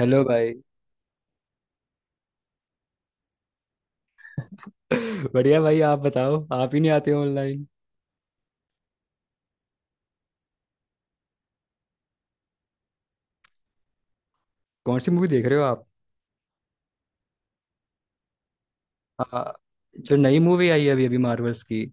Hello भाई। बढ़िया भाई, आप बताओ, आप ही नहीं आते हो ऑनलाइन। कौन सी मूवी देख रहे हो आप? आ, जो नई मूवी आई है अभी अभी मार्वल्स की।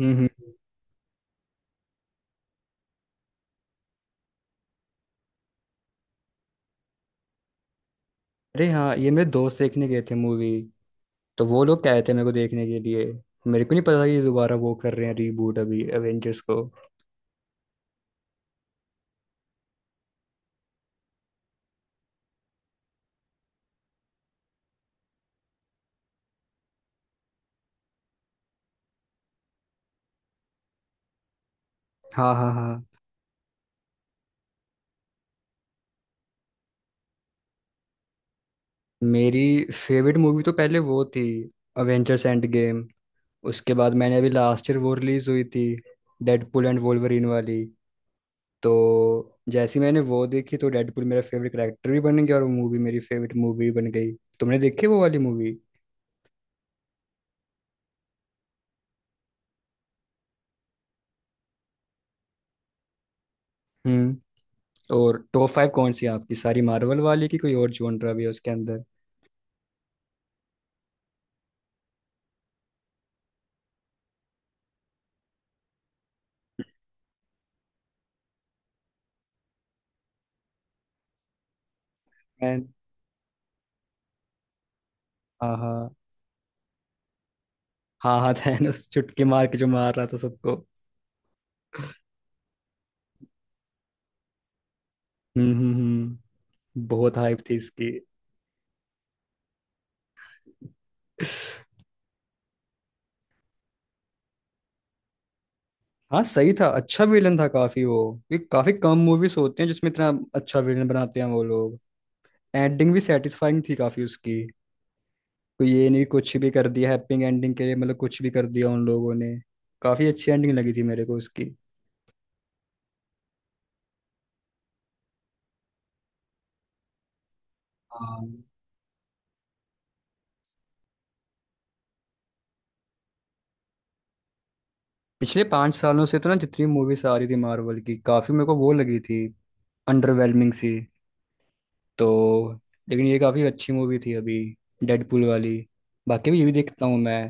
हम्म, हम्म। अरे हाँ, ये मेरे दोस्त देखने गए थे मूवी, तो वो लोग कहे थे मेरे को देखने के लिए। मेरे को नहीं पता था कि दोबारा वो कर रहे हैं रीबूट अभी एवेंजर्स को। हाँ, हाँ, हाँ। मेरी फेवरेट मूवी तो पहले वो थी, अवेंजर्स एंड गेम। उसके बाद मैंने अभी लास्ट ईयर वो रिलीज हुई थी, डेडपुल एंड वोल्वरीन वाली। तो जैसे ही मैंने वो देखी तो डेडपुल मेरा फेवरेट कैरेक्टर भी बन गया और वो मूवी मेरी फेवरेट मूवी भी बन गई। तुमने देखी वो वाली मूवी? हम्म। और टॉप 5 कौन सी है आपकी? सारी मार्वल वाली की, कोई और जॉनरा भी है उसके अंदर? मैं। हाँ, हाँ, हाँ, हाँ, थैनोस चुटकी मार के जो मार रहा था सबको। हम्म, हम्म, हम्म। बहुत हाइप थी इसकी। हाँ, सही था, अच्छा विलन था काफी वो। ये काफी कम मूवीज होते हैं जिसमें इतना अच्छा विलन बनाते हैं वो लोग। एंडिंग भी सेटिस्फाइंग थी काफी उसकी। कोई ये नहीं कुछ भी कर दिया हैप्पी एंडिंग के लिए, मतलब कुछ भी कर दिया उन लोगों ने। काफी अच्छी एंडिंग लगी थी मेरे को उसकी। हाँ। पिछले 5 सालों से तो ना जितनी मूवीज आ रही थी मार्वल की, काफी मेरे को वो लगी थी अंडरवेलमिंग सी। तो लेकिन ये काफी अच्छी मूवी थी अभी, डेडपूल वाली। बाकी भी ये भी देखता हूँ मैं।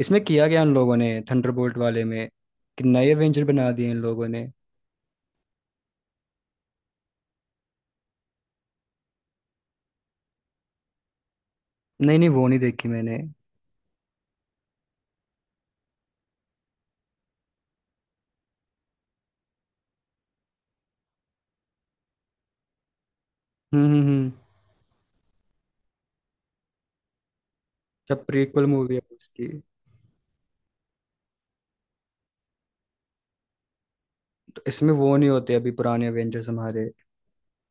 इसमें किया गया उन लोगों ने थंडरबोल्ट वाले में, कि नए एवेंजर बना दिए इन लोगों ने। नहीं, नहीं, वो नहीं देखी मैंने। हम्म, हम्म, हम्म। जब प्रीक्वल मूवी है उसकी। तो इसमें वो नहीं होते अभी पुराने एवेंजर्स हमारे,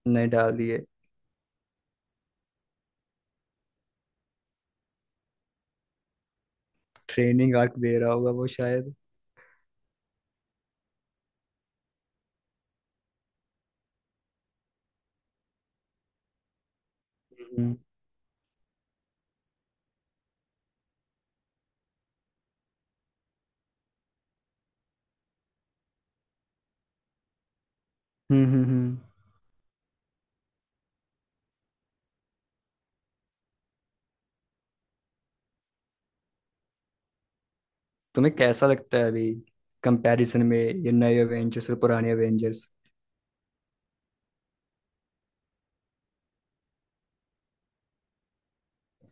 नहीं डाली है। ट्रेनिंग आर्क दे रहा होगा वो शायद। हम्म। हम्म, हम्म, हम्म, तुम्हें कैसा लगता है अभी कंपैरिजन में ये नए एवेंजर्स और पुराने एवेंजर्स?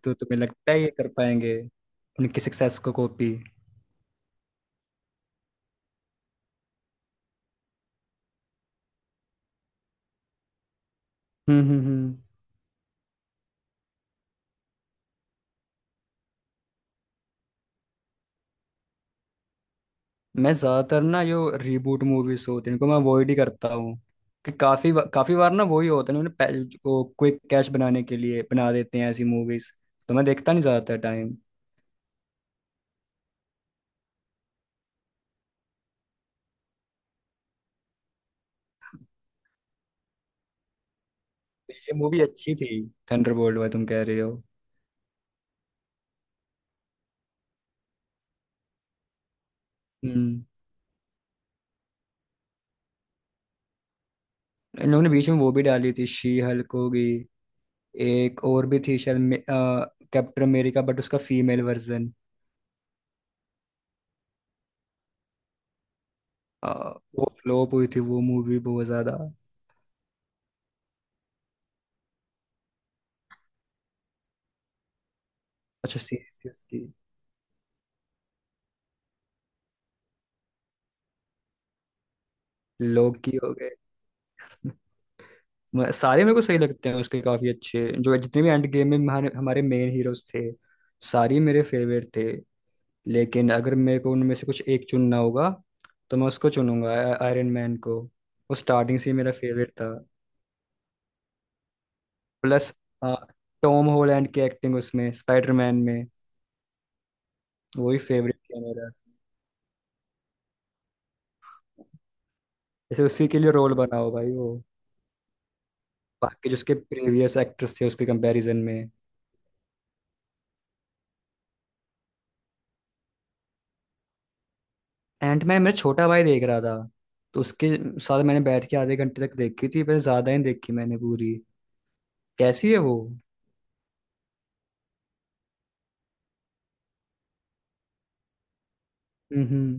तो तुम्हें लगता है ये कर पाएंगे उनकी सक्सेस को कॉपी? हम्म, हम्म, मैं ज्यादातर ना जो रीबूट मूवीज होती हैं इनको मैं अवॉइड ही करता हूँ। कि काफी बार ना वही होता है, उन्होंने को क्विक कैश बनाने के लिए बना देते हैं ऐसी मूवीज। तो मैं देखता नहीं ज्यादातर टाइम। ये मूवी अच्छी थी, थंडरबोल्ट वाला तुम कह रहे हो? हम्म। इन लोगों ने बीच में वो भी डाली थी, शी हल्क होगी। एक और भी थी शायद, कैप्टन अमेरिका, बट उसका फीमेल वर्जन। वो फ्लॉप हुई थी वो मूवी, बहुत ज्यादा। अच्छा, सीरीज थी उसकी? लोग की हो गए। सारे मेरे को सही लगते हैं उसके, काफी अच्छे जो जितने भी एंड गेम में हमारे हमारे मेन हीरोज थे, सारे मेरे फेवरेट थे। लेकिन अगर मेरे को उनमें से कुछ एक चुनना होगा, तो मैं उसको चुनूंगा, आयरन मैन को। वो स्टार्टिंग से ही मेरा फेवरेट था। प्लस अ, टॉम हॉलैंड की एक्टिंग उसमें, स्पाइडरमैन में। वो ही फेवरेट है मेरा, जैसे उसी के लिए रोल बना हो भाई वो। बाकी जो उसके प्रीवियस एक्टर्स थे उसके कंपैरिजन में। एंटमैन मेरा छोटा भाई देख रहा था, तो उसके साथ मैंने बैठ के आधे घंटे तक देखी थी, पर ज्यादा ही देखी मैंने पूरी। कैसी है वो? हम्म,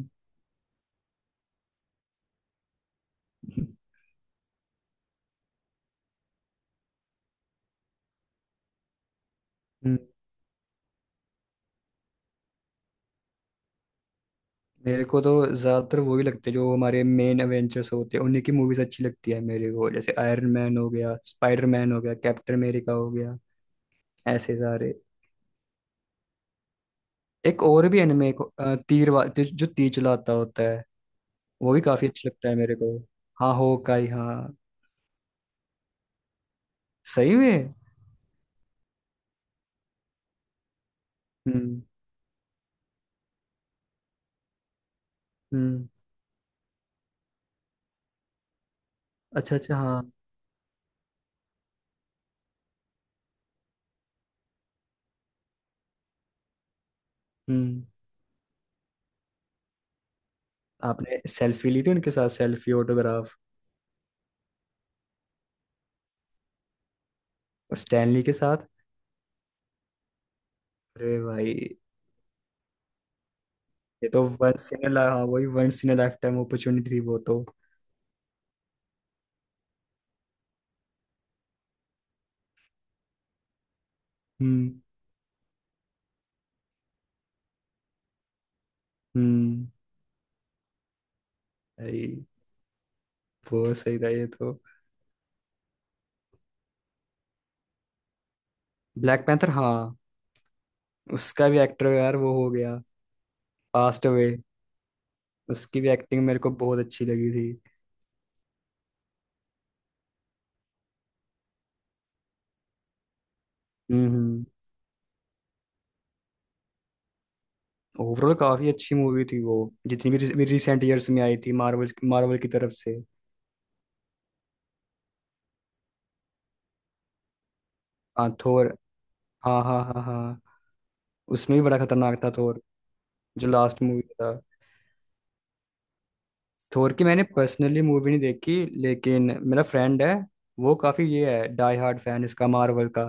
हम्म। मेरे को तो ज्यादातर वही लगते हैं जो हमारे मेन एवेंजर्स होते हैं, उन्हीं की मूवीज अच्छी लगती है मेरे को, जैसे आयरन मैन हो गया, स्पाइडर मैन हो गया, कैप्टन अमेरिका हो गया, ऐसे सारे। एक और भी एनिमे, एक तीर जो जो तीर चलाता होता है, वो भी काफी अच्छा लगता है मेरे को। हाँ, हो काई, हाँ। सही में? हम्म, हम्म। अच्छा, अच्छा, हाँ। हम्म। आपने सेल्फी ली थी उनके साथ? Selfie, autograph? स्टैनली के साथ? अरे भाई। ये तो वंस इन अ हाँ, वही once in a lifetime opportunity थी वो तो। हम्म, हम्म। भाई वो सही था ये तो। ब्लैक पैंथर, हाँ। उसका भी एक्टर यार वो हो गया पास्ट अवे। उसकी भी एक्टिंग मेरे को बहुत अच्छी लगी थी। हम्म। ओवरऑल काफी अच्छी मूवी थी वो, जितनी भी रिसेंट ईयर्स में आई थी मार्वल मार्वल की तरफ से। हाँ, थोर, हाँ, हाँ, हाँ, हाँ, उसमें भी बड़ा खतरनाक था थोर। जो लास्ट मूवी था। थोर की मैंने पर्सनली मूवी नहीं देखी, लेकिन मेरा फ्रेंड है, वो काफी ये है, डाई हार्ड फैन इसका मार्वल का।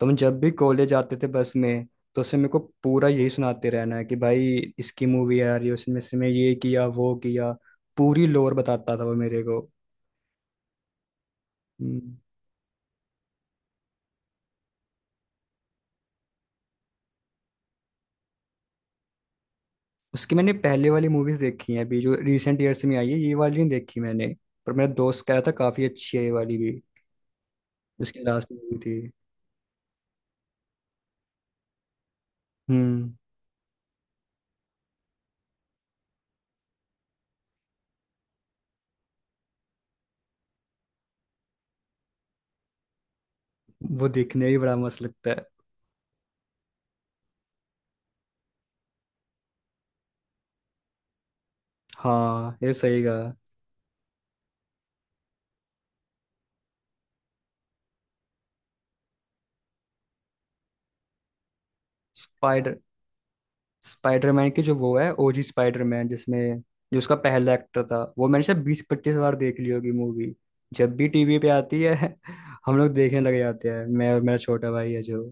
तो हम जब भी कॉलेज जाते थे बस में, तो उससे मेरे को पूरा यही सुनाते रहना है कि भाई इसकी मूवी आ रही है, उसमें इसमें ये किया वो किया, पूरी लोर बताता था वो मेरे को। हम्म। उसकी मैंने पहले वाली मूवीज देखी हैं, अभी जो रिसेंट ईयर्स में आई है ये वाली नहीं देखी मैंने। पर मेरा दोस्त कह रहा था काफी अच्छी है ये वाली भी। उसकी लास्ट मूवी थी। हम्म। वो देखने में भी बड़ा मस्त लगता है। हाँ, ये सही कहा। स्पाइडर स्पाइडरमैन की जो वो है ओजी स्पाइडरमैन, जिसमें जो उसका पहला एक्टर था, वो मैंने शायद 20-25 बार देख ली होगी मूवी, जब भी टीवी पे आती है हम लोग देखने लग जाते हैं, मैं और मेरा छोटा भाई है जो।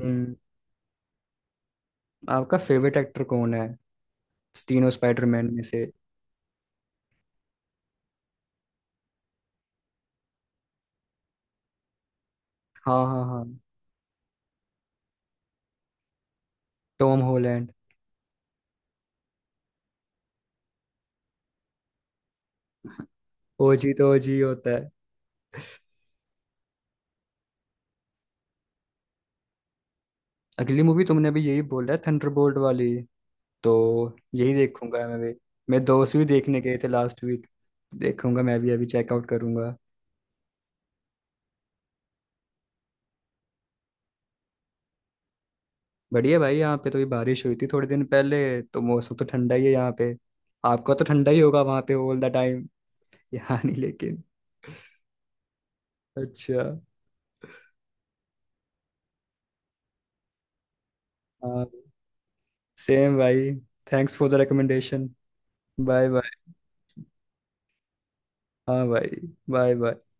हम्म। आपका फेवरेट एक्टर कौन है तीनों स्पाइडरमैन में से? हाँ, हाँ, हाँ। Tom Holland. ओजी तो ओजी होता है। अगली मूवी तुमने भी यही बोला है, थंडरबोल्ट वाली, तो यही देखूंगा मैं भी। मेरे दोस्त भी देखने गए थे लास्ट वीक। देखूंगा मैं भी, अभी चेकआउट करूंगा। बढ़िया भाई, यहाँ पे तो भी बारिश हुई थी थोड़े दिन पहले, तो मौसम तो ठंडा ही है यहाँ पे। आपका तो ठंडा ही होगा वहाँ पे ऑल द टाइम। यहाँ नहीं लेकिन। अच्छा। हाँ। सेम भाई। Thanks for the recommendation. Bye bye. हाँ भाई। Bye bye.